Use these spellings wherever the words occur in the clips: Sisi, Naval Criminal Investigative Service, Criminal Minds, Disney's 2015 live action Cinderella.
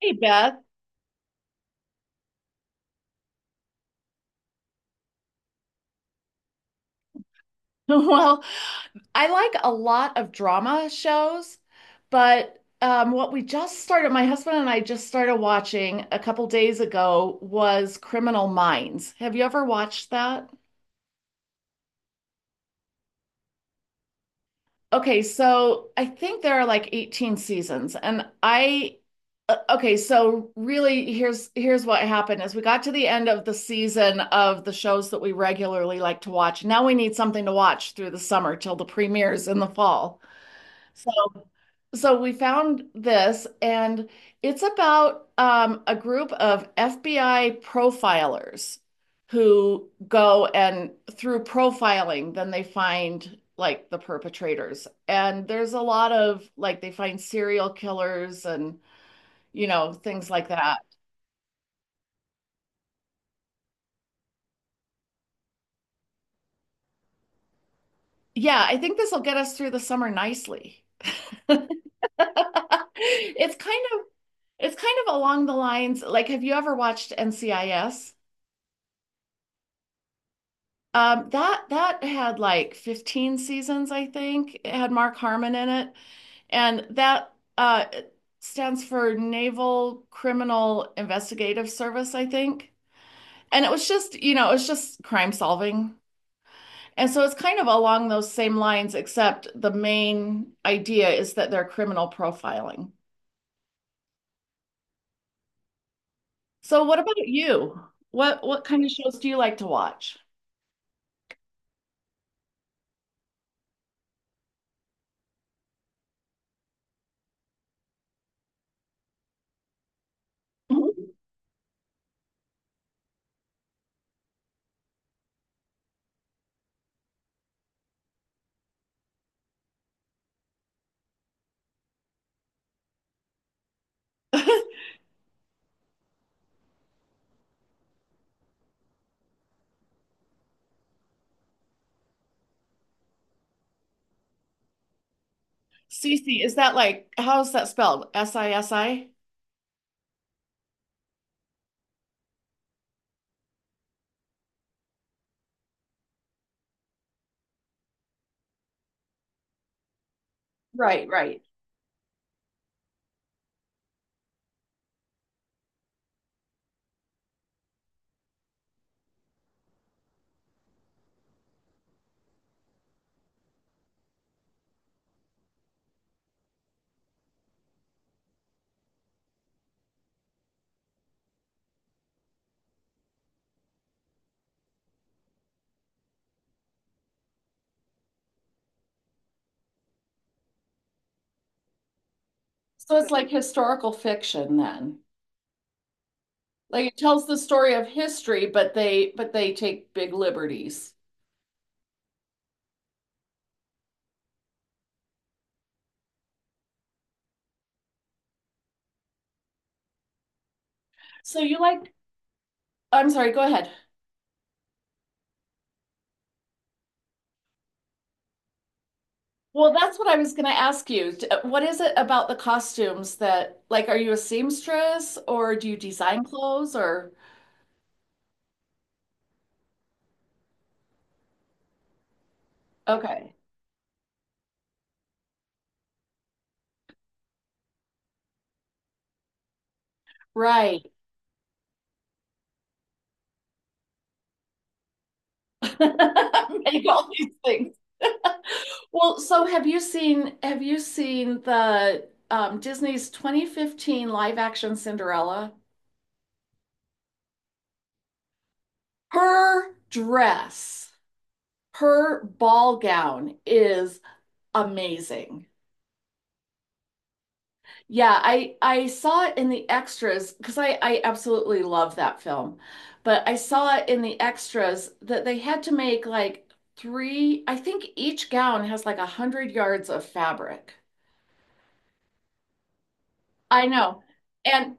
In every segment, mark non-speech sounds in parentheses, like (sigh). Hey Beth. (laughs) Well, I like a lot of drama shows, but what we just started, my husband and I just started watching a couple days ago was Criminal Minds. Have you ever watched that? Okay, so I think there are like 18 seasons, and I okay, so really here's what happened is we got to the end of the season of the shows that we regularly like to watch. Now we need something to watch through the summer till the premieres in the fall. So So we found this, and it's about a group of FBI profilers who go and through profiling, then they find like the perpetrators. And there's a lot of like they find serial killers and things like that. Yeah, I think this will get us through the summer nicely. (laughs) It's kind of it's kind of along the lines like have you ever watched NCIS? That had like 15 seasons, I think. It had Mark Harmon in it, and that uh stands for Naval Criminal Investigative Service, I think. And it was just, it was just crime solving. And so it's kind of along those same lines, except the main idea is that they're criminal profiling. So what about you? What kind of shows do you like to watch? Mhm. Sisi, is that like how's that spelled? SISI? Right, right. So it's like historical fiction then. Like it tells the story of history, but they take big liberties. So you like, I'm sorry, go ahead. Well, that's what I was going to ask you. D- What is it about the costumes that like are you a seamstress or do you design clothes or okay. Right. (laughs) Make all these things. (laughs) Well, so have you seen the Disney's 2015 live action Cinderella? Her dress, her ball gown is amazing. Yeah, I saw it in the extras because I absolutely love that film. But I saw it in the extras that they had to make like three, I think each gown has like a hundred yards of fabric. I know. And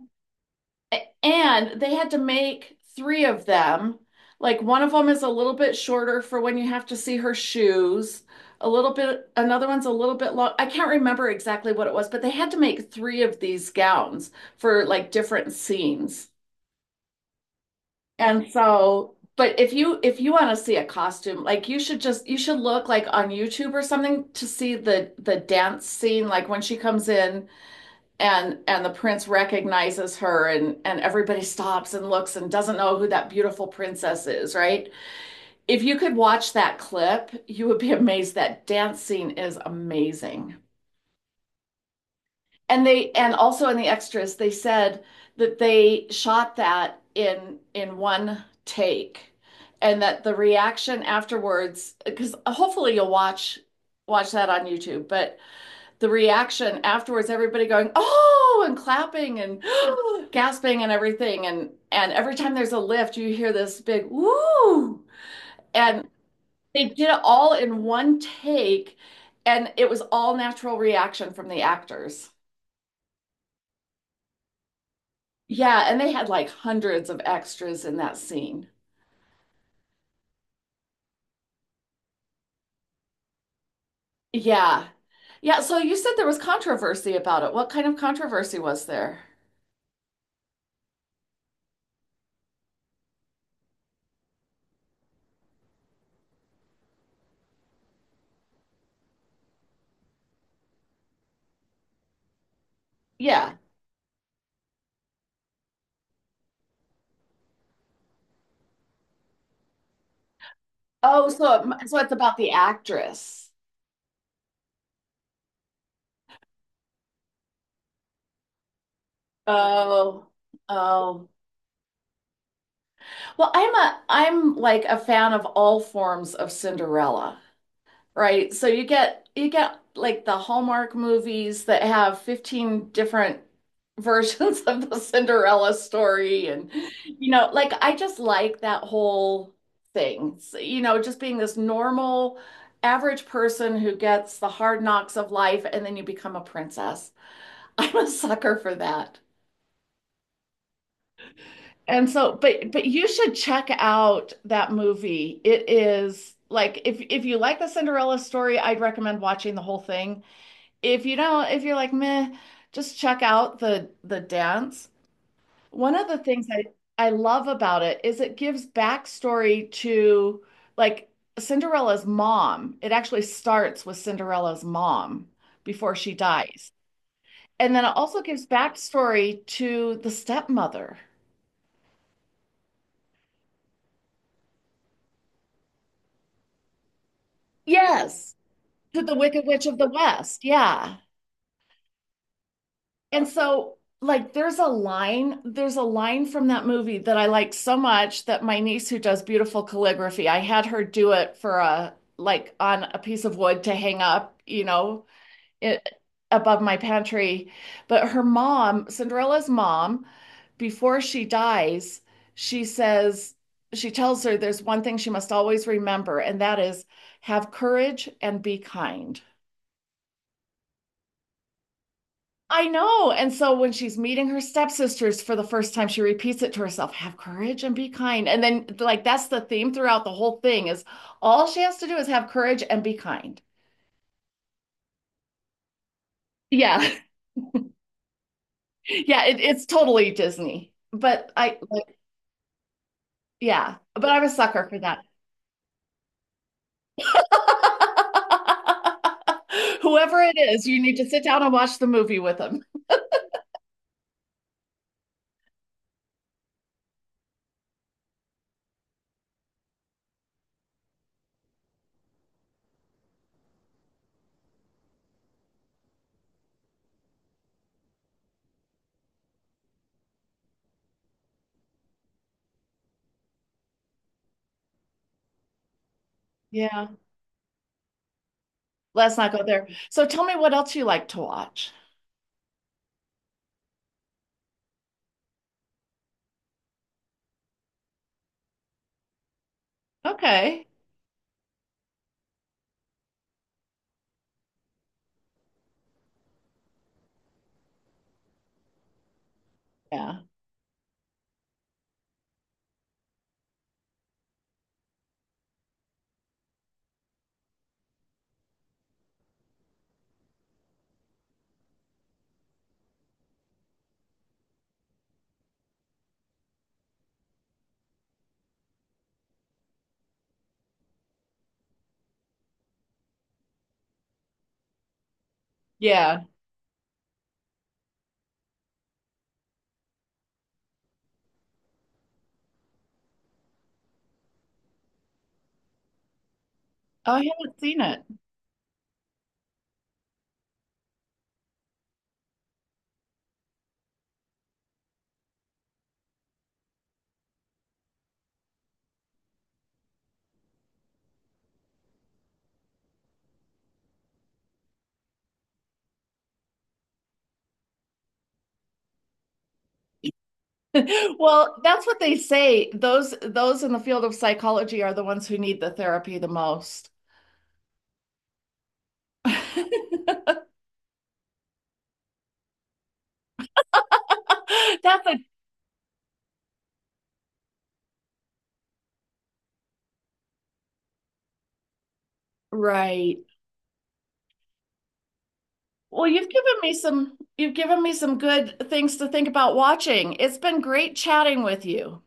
And they had to make three of them. Like one of them is a little bit shorter for when you have to see her shoes. A little bit, another one's a little bit long. I can't remember exactly what it was, but they had to make three of these gowns for like different scenes. And so, but if you want to see a costume, like you should look like on YouTube or something to see the dance scene, like when she comes in and the prince recognizes her and everybody stops and looks and doesn't know who that beautiful princess is, right? If you could watch that clip you would be (laughs) amazed. That dance scene is amazing. And they, and also in the extras they said that they shot that in one take, and that the reaction afterwards, because hopefully you'll watch that on YouTube, but the reaction afterwards, everybody going oh and clapping and (gasps) gasping and everything, and every time there's a lift you hear this big woo. And they did it all in one take, and it was all natural reaction from the actors. Yeah, and they had like hundreds of extras in that scene. Yeah. Yeah, so you said there was controversy about it. What kind of controversy was there? Yeah. Oh, so it's about the actress. Oh. Oh. Well, I'm like a fan of all forms of Cinderella, right? So you get like the Hallmark movies that have 15 different versions (laughs) of the Cinderella story, and like I just like that whole thing. So, just being this normal average person who gets the hard knocks of life and then you become a princess. (laughs) I'm a sucker for that. And so, but you should check out that movie. It is like if you like the Cinderella story, I'd recommend watching the whole thing. If you don't, if you're like meh, just check out the dance. One of the things I love about it is it gives backstory to like Cinderella's mom. It actually starts with Cinderella's mom before she dies. And then it also gives backstory to the stepmother. Yes. To the Wicked Witch of the West. Yeah. And so like there's a line from that movie that I like so much that my niece who does beautiful calligraphy, I had her do it for a like on a piece of wood to hang up, it, above my pantry. But her mom, Cinderella's mom, before she dies, she says, she tells her there's one thing she must always remember, and that is have courage and be kind. I know. And so when she's meeting her stepsisters for the first time, she repeats it to herself, have courage and be kind. And then like that's the theme throughout the whole thing is all she has to do is have courage and be kind. Yeah. (laughs) Yeah, it's totally Disney. But I like, yeah, but I'm a sucker for that. (laughs) Whoever it is, you need to sit down and watch the movie with them. Yeah. Let's not go there. So tell me what else you like to watch. Okay. Yeah. Yeah. Oh, I haven't seen it. (laughs) Well, that's what they say. Those in the field of psychology are the ones who need the therapy the most. (laughs) That's a right. Well, you've given me some, you've given me some good things to think about watching. It's been great chatting with you.